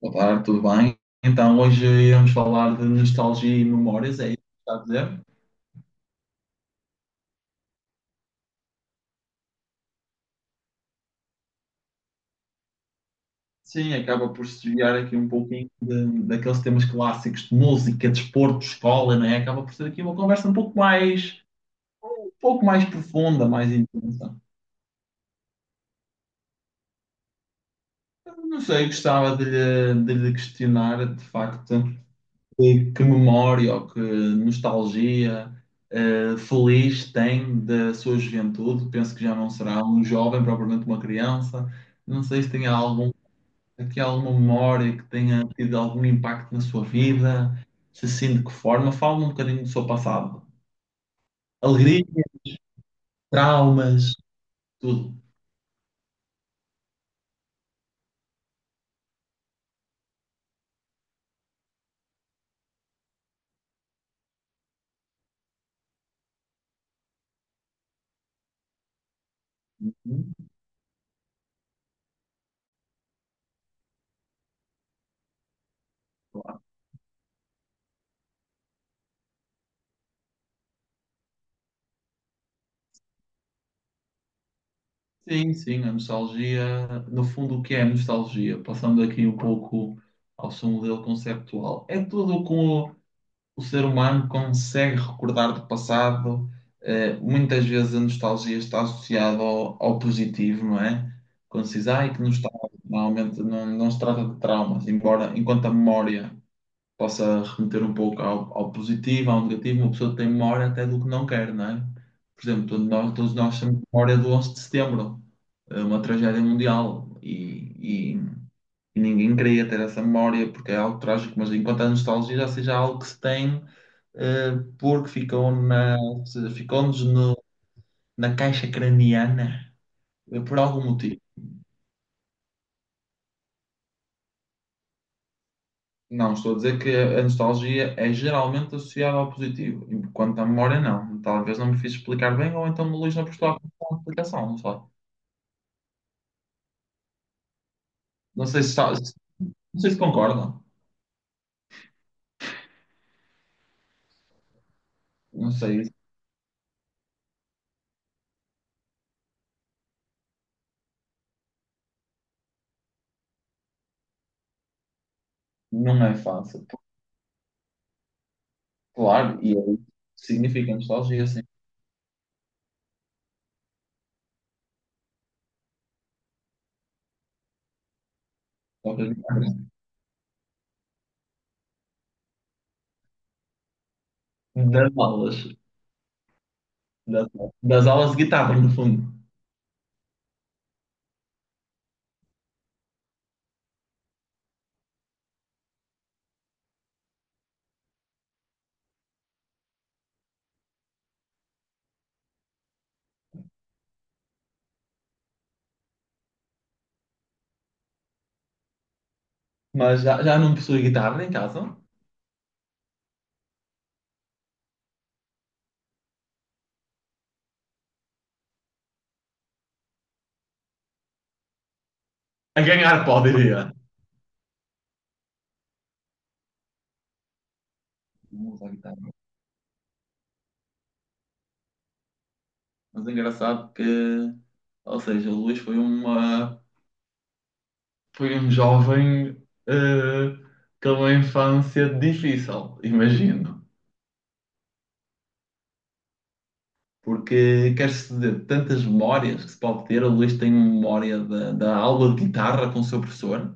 Boa tarde, tudo bem? Então, hoje íamos falar de nostalgia e memórias, é isso que está a dizer? Sim, acaba por se desviar aqui um pouquinho daqueles temas clássicos de música, desporto, escola, não é? Acaba por ser aqui uma conversa um pouco mais profunda, mais intensa. Não sei, gostava de lhe questionar, de facto, que memória ou que nostalgia feliz tem da sua juventude. Penso que já não será um jovem, propriamente uma criança. Não sei se tem algum aqui, há alguma memória que tenha tido algum impacto na sua vida? Se sim, de que forma? Fala-me um bocadinho do seu passado. Alegria, traumas, tudo. Hum, claro. Sim, sim, a nostalgia. No fundo, o que é a nostalgia? Passando aqui um pouco ao seu modelo conceptual. É tudo com o ser humano consegue recordar do passado. Muitas vezes a nostalgia está associada ao positivo, não é? Quando se diz, ai, que nostalgia, normalmente não se trata de traumas, embora enquanto a memória possa remeter um pouco ao positivo, ao negativo, uma pessoa tem memória até do que não quer, não é? Por exemplo, todos nós temos memória do 11 de setembro, uma tragédia mundial, e ninguém queria ter essa memória porque é algo trágico, mas enquanto a nostalgia já seja algo que se tem eh, porque ficou ficou-nos no- na caixa craniana, por algum motivo. Não, estou a dizer que a nostalgia é geralmente associada ao positivo, enquanto a memória não. Talvez não me fiz explicar bem, ou então o Luís não prestou atenção à explicação, não sei. Não sei se, está- se- não sei se concordam. Não sei, não é fácil. Claro, e aí significa nostalgia, sim. Talvez- não. Das aulas, das, das aulas de guitarra, no fundo. Mas já não possui guitarra em casa? A ganhar poderia. Não usa a guitarra. Mas é engraçado que, ou seja, o Luís foi um jovem eh, com uma infância difícil, imagino. Porque quer-se dizer, tantas memórias que se pode ter, o Luís tem uma memória da aula de guitarra com o seu professor.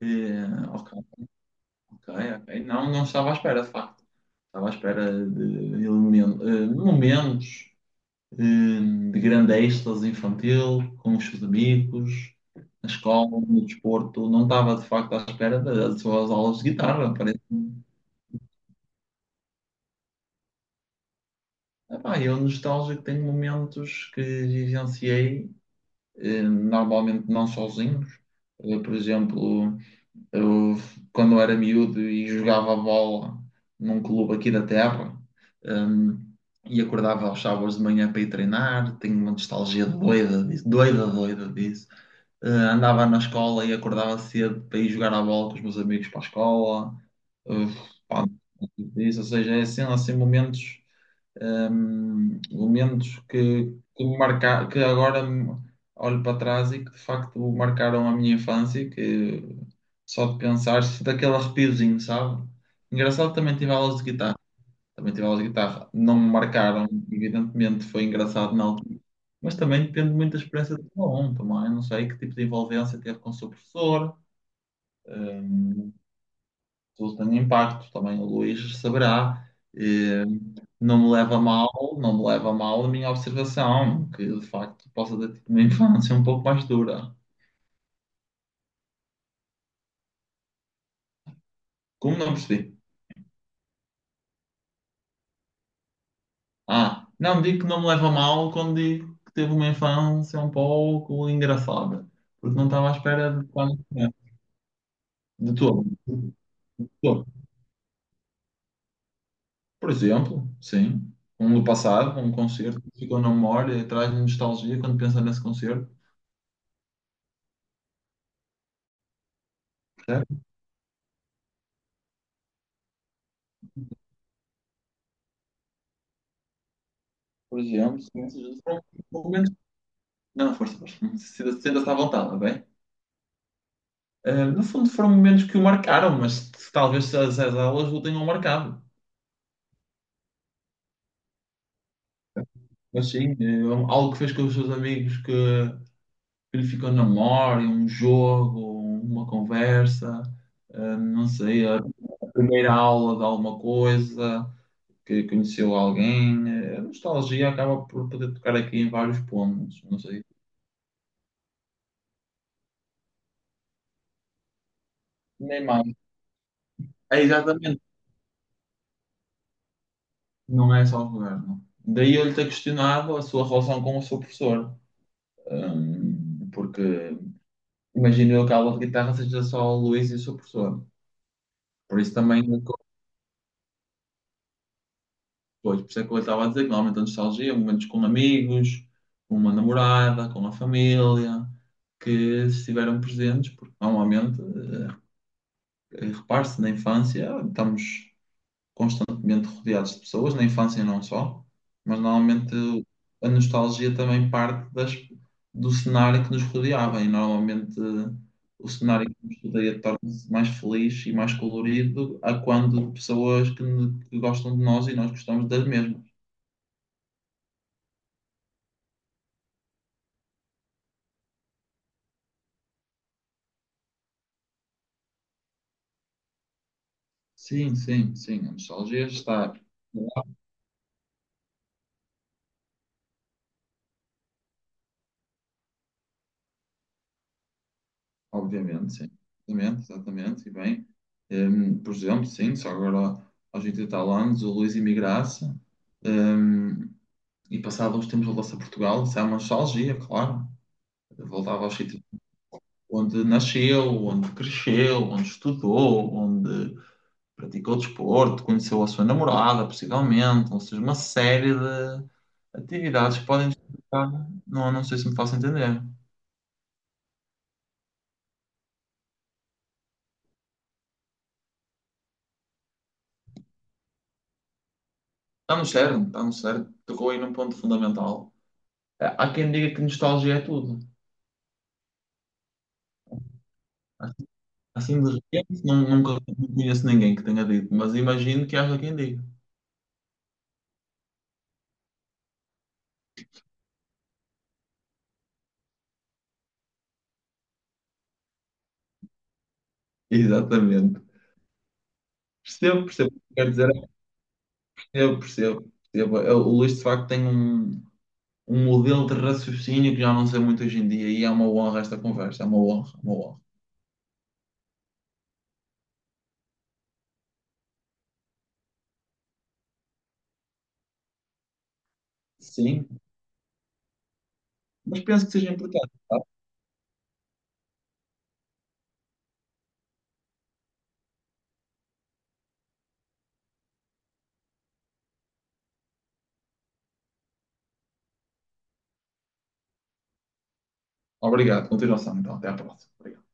E, ok, ok. Não, não estava à espera, de facto. Estava à espera de momentos eh, de grande êxtase infantil, com os seus amigos, na escola, no desporto. Não estava de facto à espera das suas aulas de guitarra. Parece-me. Epá, eu nostálgico tenho momentos que vivenciei, normalmente não sozinhos. Por exemplo, eu, quando era miúdo e jogava bola num clube aqui da terra, hum, e acordava aos sábados de manhã para ir treinar, tenho uma nostalgia doida disso, doida disso. Andava na escola e acordava cedo para ir jogar à bola com os meus amigos para a escola. Eh, Pá, isso, ou seja, é assim, assim momentos, momentos que me marca, que agora olho para trás e que de facto marcaram a minha infância, que só de pensar, se daquele arrepiozinho, sabe? Engraçado que também tive aulas de guitarra. Também tive aulas de guitarra. Não me marcaram, evidentemente, foi engraçado na altura mas também depende muito da experiência de cada um também. Eu não sei que tipo de envolvência teve com o seu professor, se isso tem impacto, também o Luís saberá. Eh, não me leva a mal, não me leva a mal a minha observação, que de facto possa ter tido uma infância um pouco mais dura. Como não percebi? Ah, não digo que não me leva a mal quando digo que teve uma infância um pouco engraçada, porque não estava à espera de quando de todo. Por exemplo, sim, um do passado, um concerto que ficou na memória, e traz nostalgia quando pensa nesse concerto. Certo? Por exemplo, sim, foram momentos. Não, força, força. Sinta-se à vontade, tá bem? Ah, no fundo, foram momentos que o marcaram, mas que talvez as aulas o tenham marcado. Mas sim, é algo que fez com os seus amigos que lhe ficou na memória, um jogo, uma conversa, ah, não sei, a primeira aula de alguma coisa. Que conheceu alguém. A nostalgia acaba por poder tocar aqui em vários pontos, não sei. Nem mais. É exatamente, não é só o governo. Daí eu lhe ter questionado a sua relação com o seu professor, porque imagino eu que a aula de guitarra seja só o Luís e o seu professor. Por isso também, depois, por isso é que eu estava a dizer que normalmente a nostalgia, é momentos com amigos, com uma namorada, com a família, que estiveram presentes, porque normalmente, repare-se, na infância estamos constantemente rodeados de pessoas, na infância e não só, mas normalmente a nostalgia também parte do cenário que nos rodeava e normalmente o cenário que nos rodeia torna-se mais feliz e mais colorido a quando de pessoas que gostam de nós e nós gostamos das mesmas. Sim, sim, sim, a nostalgia está, obviamente, sim, exatamente, exatamente, e bem, hum, por exemplo, sim, só agora aos 80 e tal anos, o Luís Imigraça, e passado uns tempos voltou-se a Portugal. Isso é uma nostalgia, claro. Voltava aos sítios onde nasceu, onde cresceu, onde estudou, onde praticou desporto, conheceu a sua namorada, possivelmente. Ou seja, uma série de atividades que podem justificar. Não, não sei se me faço entender. Está no cerne, está no cerne. Tocou aí num ponto fundamental. É, há quem diga que nostalgia é tudo. Assim, assim, de repente, não, nunca não conheço ninguém que tenha dito, mas imagino que haja quem diga. Exatamente. Percebo, percebo o que quer dizer. Eu percebo, percebo. O Luís, de facto, tem um, um modelo de raciocínio que já não sei muito hoje em dia e é uma honra esta conversa, é uma honra, é uma honra. Sim, mas penso que seja importante, tá? Obrigado, continuação então, até à próxima. Obrigado.